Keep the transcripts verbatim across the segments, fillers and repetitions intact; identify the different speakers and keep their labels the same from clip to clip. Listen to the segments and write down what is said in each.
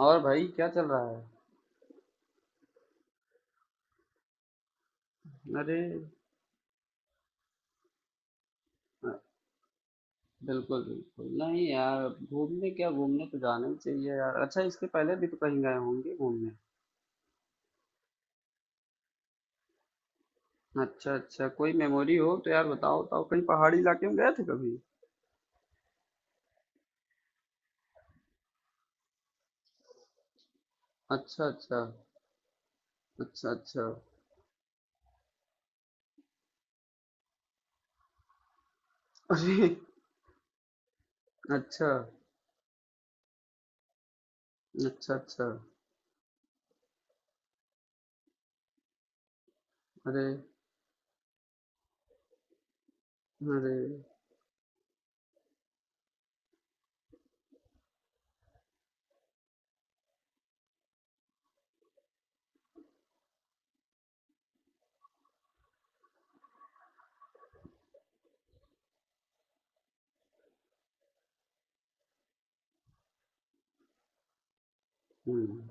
Speaker 1: और भाई क्या चल रहा है। अरे, बिल्कुल बिल्कुल नहीं यार। घूमने क्या, घूमने तो जाना ही चाहिए यार। अच्छा, इसके पहले भी तो कहीं गए होंगे घूमने। अच्छा अच्छा, कोई मेमोरी हो तो यार बताओ बताओ, कहीं पहाड़ी इलाके में गए थे कभी? अच्छा अच्छा। अच्छा अच्छा। अरे। अच्छा अच्छा। अच्छा। अरे। अरे। हम्म।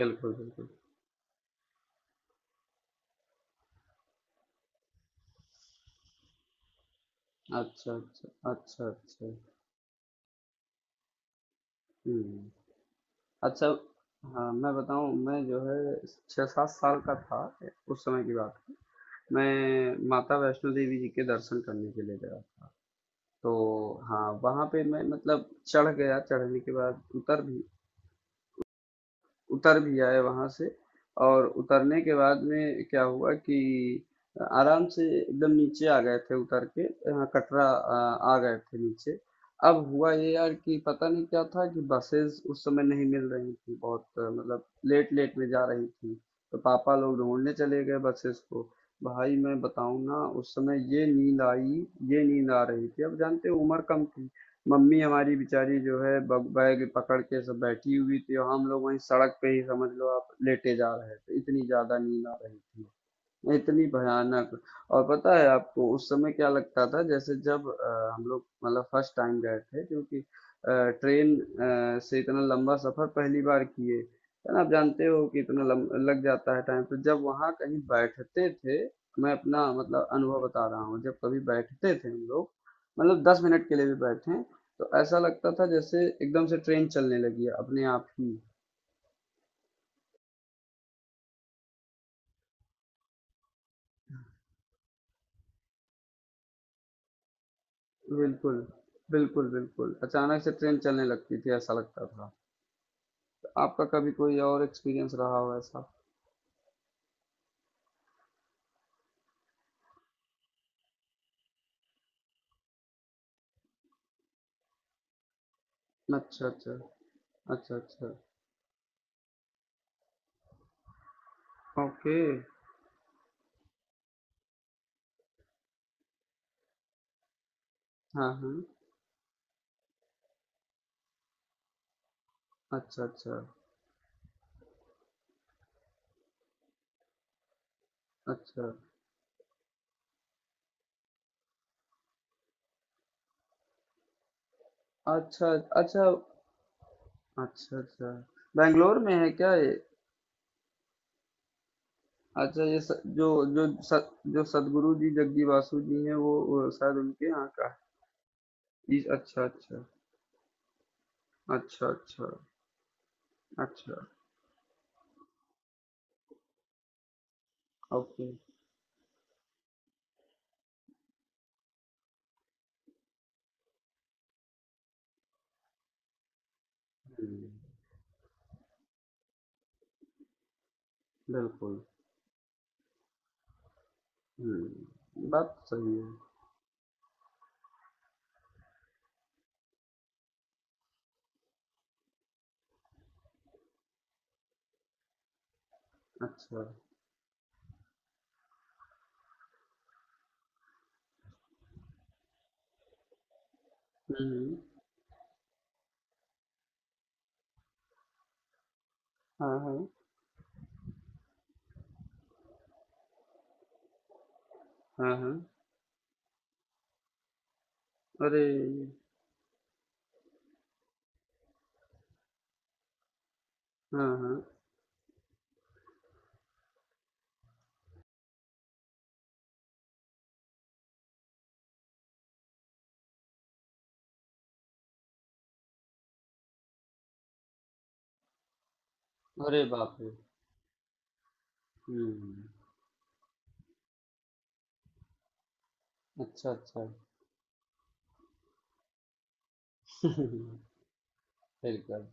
Speaker 1: बिल्कुल बिल्कुल। अच्छा अच्छा अच्छा अच्छा। हम्म। अच्छा। हाँ, मैं बताऊं। मैं जो है छः सात साल का था, उस समय की बात। मैं माता वैष्णो देवी जी के दर्शन करने के लिए गया था। तो हाँ, वहाँ पे मैं मतलब चढ़ गया, चढ़ने के बाद उतर भी, उतर भी आए वहाँ से। और उतरने के बाद में क्या हुआ कि आराम से एकदम नीचे आ गए थे, उतर के यहाँ कटरा आ, आ गए थे नीचे। अब हुआ ये यार कि पता नहीं क्या था कि बसेस उस समय नहीं मिल रही थी, बहुत अ, मतलब लेट लेट में जा रही थी। तो पापा लोग ढूंढने चले गए बसेस को। भाई मैं बताऊं ना, उस समय ये नींद आई, ये नींद आ रही थी। अब जानते हो उम्र कम थी। मम्मी हमारी बेचारी जो है ब बैग पकड़ के सब बैठी हुई थी और हम लोग वहीं सड़क पे ही समझ लो आप, लेटे जा रहे थे, इतनी ज़्यादा नींद आ रही थी। इतनी भयानक। और पता है आपको उस समय क्या लगता था, जैसे जब अ, हम लोग मतलब फर्स्ट टाइम गए थे, क्योंकि आ, ट्रेन आ, से इतना लंबा सफर पहली बार किए, है ना। आप जानते हो कि इतना लम, लग जाता है टाइम, तो जब वहां कहीं बैठते थे, मैं अपना मतलब अनुभव बता रहा हूँ, जब कभी बैठते थे हम लोग, मतलब दस मिनट के लिए भी बैठे, तो ऐसा लगता था जैसे एकदम से ट्रेन चलने लगी है अपने आप ही। बिल्कुल। बिल्कुल बिल्कुल, अचानक से ट्रेन चलने लगती थी ऐसा लगता था। आपका कभी कोई और एक्सपीरियंस रहा हो ऐसा? अच्छा, अच्छा। अच्छा, अच्छा। ओके। हाँ, हाँ। अच्छा, अच्छा। अच्छा। अच्छा, अच्छा। अच्छा, अच्छा। बैंगलोर में है क्या ये? अच्छा, ये स जो जो सत जो सद्गुरु जी, जग्गी वासु जी हैं, वो वो शायद उनके यहाँ का है। इस अच्छा, अच्छा। अच्छा, अच्छा। अच्छा। ओके। हुँ। बिल्कुल। हुँ। बात तो सही है। अच्छा। हुँ, हुँ। हाँ, हाँ। हाँ, हाँ। अरे! हाँ, हाँ। अरे बाप रे! हुँ। अच्छा, अच्छा। बिल्कुल,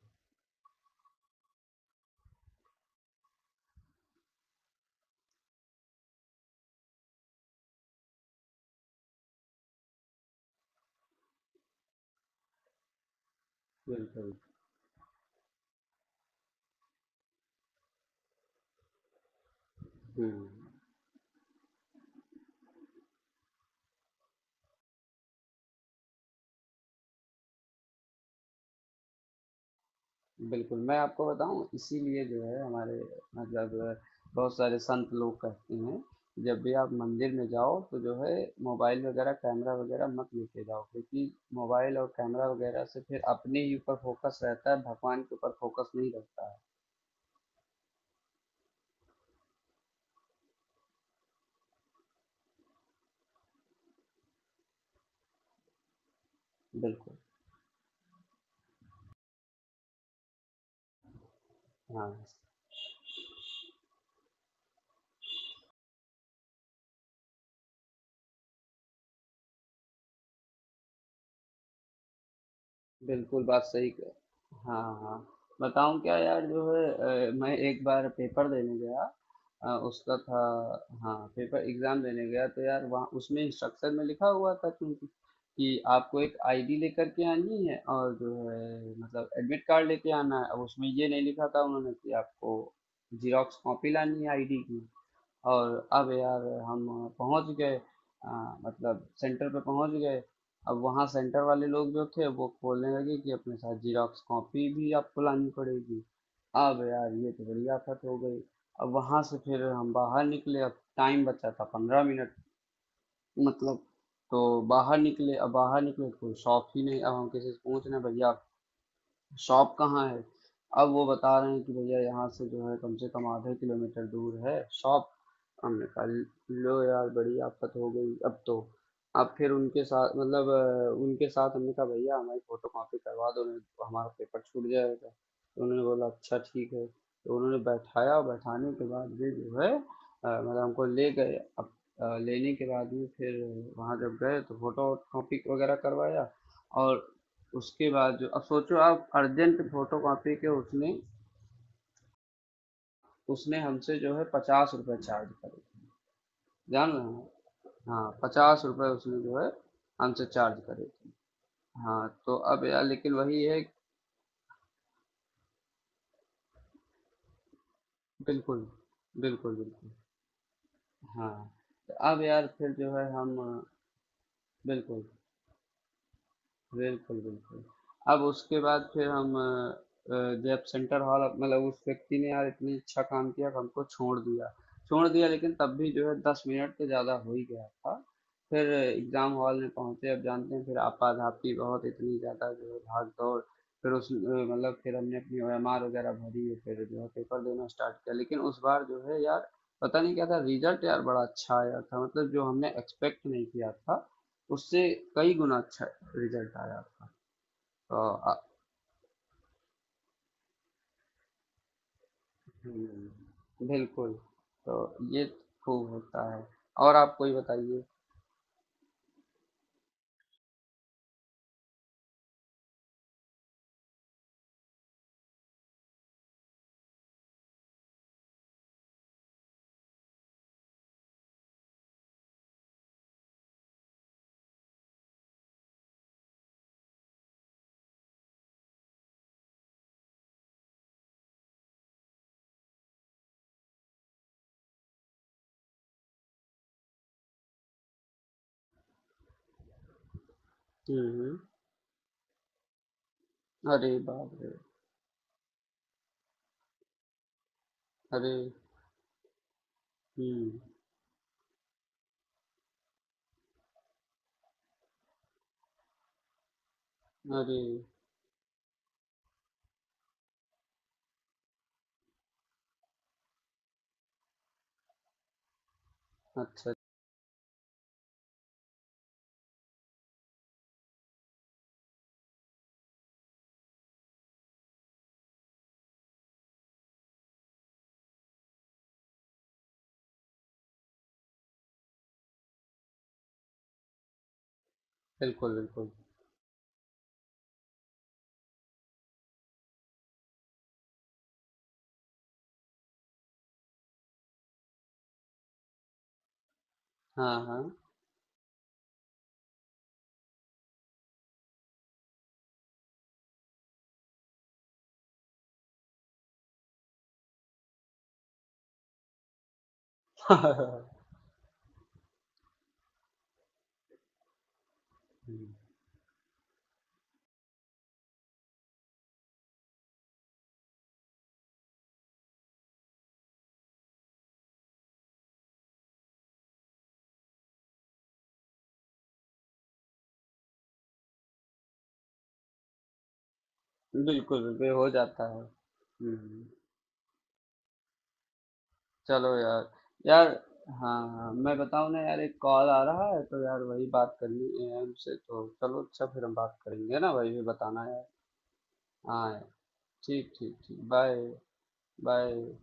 Speaker 1: बिल्कुल। हुँ। बिल्कुल, मैं आपको बताऊँ, इसीलिए जो है हमारे मतलब बहुत सारे संत लोग कहते हैं, जब भी आप मंदिर में जाओ तो जो है मोबाइल वगैरह, कैमरा वगैरह मत लेके जाओ, क्योंकि मोबाइल और कैमरा वगैरह से फिर अपने ही ऊपर फ़ोकस रहता है, भगवान के ऊपर फ़ोकस नहीं रहता है। बिल्कुल। हाँ। बिल्कुल, बात सही क। हाँ, हाँ। बताऊँ क्या यार, जो है अ, मैं एक बार पेपर देने गया, अ, उसका था। हाँ, पेपर, एग्ज़ाम देने गया तो यार वहाँ उसमें इंस्ट्रक्शन में लिखा हुआ था क्योंकि, कि आपको एक आईडी लेकर के आनी है, और जो है मतलब एडमिट कार्ड लेके आना है। अब उसमें ये नहीं लिखा था उन्होंने कि आपको ज़ेरॉक्स कॉपी लानी है आईडी की। और अब यार हम पहुंच गए, अ, मतलब सेंटर पे पहुंच गए। अब वहाँ सेंटर वाले लोग जो थे वो बोलने लगे कि अपने साथ जीरोक्स कॉपी भी आपको लानी पड़ेगी। अब यार ये तो बड़ी आफत हो गई। अब वहाँ से फिर हम बाहर निकले, अब टाइम बचा था पंद्रह मिनट, मतलब। तो बाहर निकले, अब बाहर निकले तो कोई शॉप ही नहीं। अब हम किसी से पूछ रहे हैं, भैया शॉप कहाँ है? अब वो बता रहे हैं कि भैया यहाँ से जो है कम से कम आधे किलोमीटर दूर है शॉप। हमने कहा, लो यार बड़ी आफत हो गई अब तो। अब फिर उनके साथ मतलब अ, उनके साथ हमने कहा, भैया हमारी फोटो कॉपी करवा दो नहीं तो हमारा पेपर छूट जाएगा। तो उन्होंने बोला अच्छा ठीक है। तो उन्होंने बैठाया, और बैठाने के बाद ये जो है अ, मतलब हमको ले गए। अब अ, लेने के बाद में फिर वहाँ जब गए तो फोटो कॉपी वगैरह करवाया। और उसके बाद जो अब सोचो आप, अर्जेंट फोटो कॉपी के उसने उसने हमसे जो है पचास रुपये चार्ज करे, जान रहे हैं। हाँ, पचास रुपये उसने जो है हमसे चार्ज करे थे। हाँ तो अब यार लेकिन वही है। बिल्कुल। बिल्कुल बिल्कुल। हाँ। तो अब यार फिर जो है हम, बिल्कुल। बिल्कुल, बिल्कुल। अब उसके बाद फिर हम, अ, अ, जब सेंटर हॉल मतलब उस व्यक्ति ने यार इतनी अच्छा काम किया कि हमको छोड़ दिया। छोड़ दिया, लेकिन तब भी जो है 10 मिनट तो ज़्यादा हो ही गया था। फिर एग्ज़ाम हॉल में पहुँचे, अब जानते हैं फिर आपाधापी बहुत इतनी ज़्यादा जो है भाग-दौड़, फिर उस अ, मतलब फिर हमने अपनी ओएमआर वगैरह भरी है, फिर जो है पेपर देना स्टार्ट किया। लेकिन उस बार जो है यार पता नहीं क्या था, रिज़ल्ट यार बड़ा अच्छा आया था, मतलब जो हमने एक्सपेक्ट नहीं किया था, उससे कई गुना अच्छा रिजल्ट आया आपका। तो आ- हम्म, बिल्कुल। तो ये खूब होता है, और आप कोई बताइए। हम्म। अरे बाप रे। अरे। हम्म। अरे। अच्छा। बिल्कुल बिल्कुल। हाँ, हाँ। हम्म। बिल्कुल बिल्कुल, हो जाता है। हम्म। चलो यार, यार, हाँ हाँ, मैं बताऊँ ना यार, एक कॉल आ रहा है तो यार वही बात करनी है हमसे, तो चलो अच्छा, फिर हम बात करेंगे ना भाई, फिर बताना यार। हाँ यार। ठीक ठीक ठीक। बाय। Bye.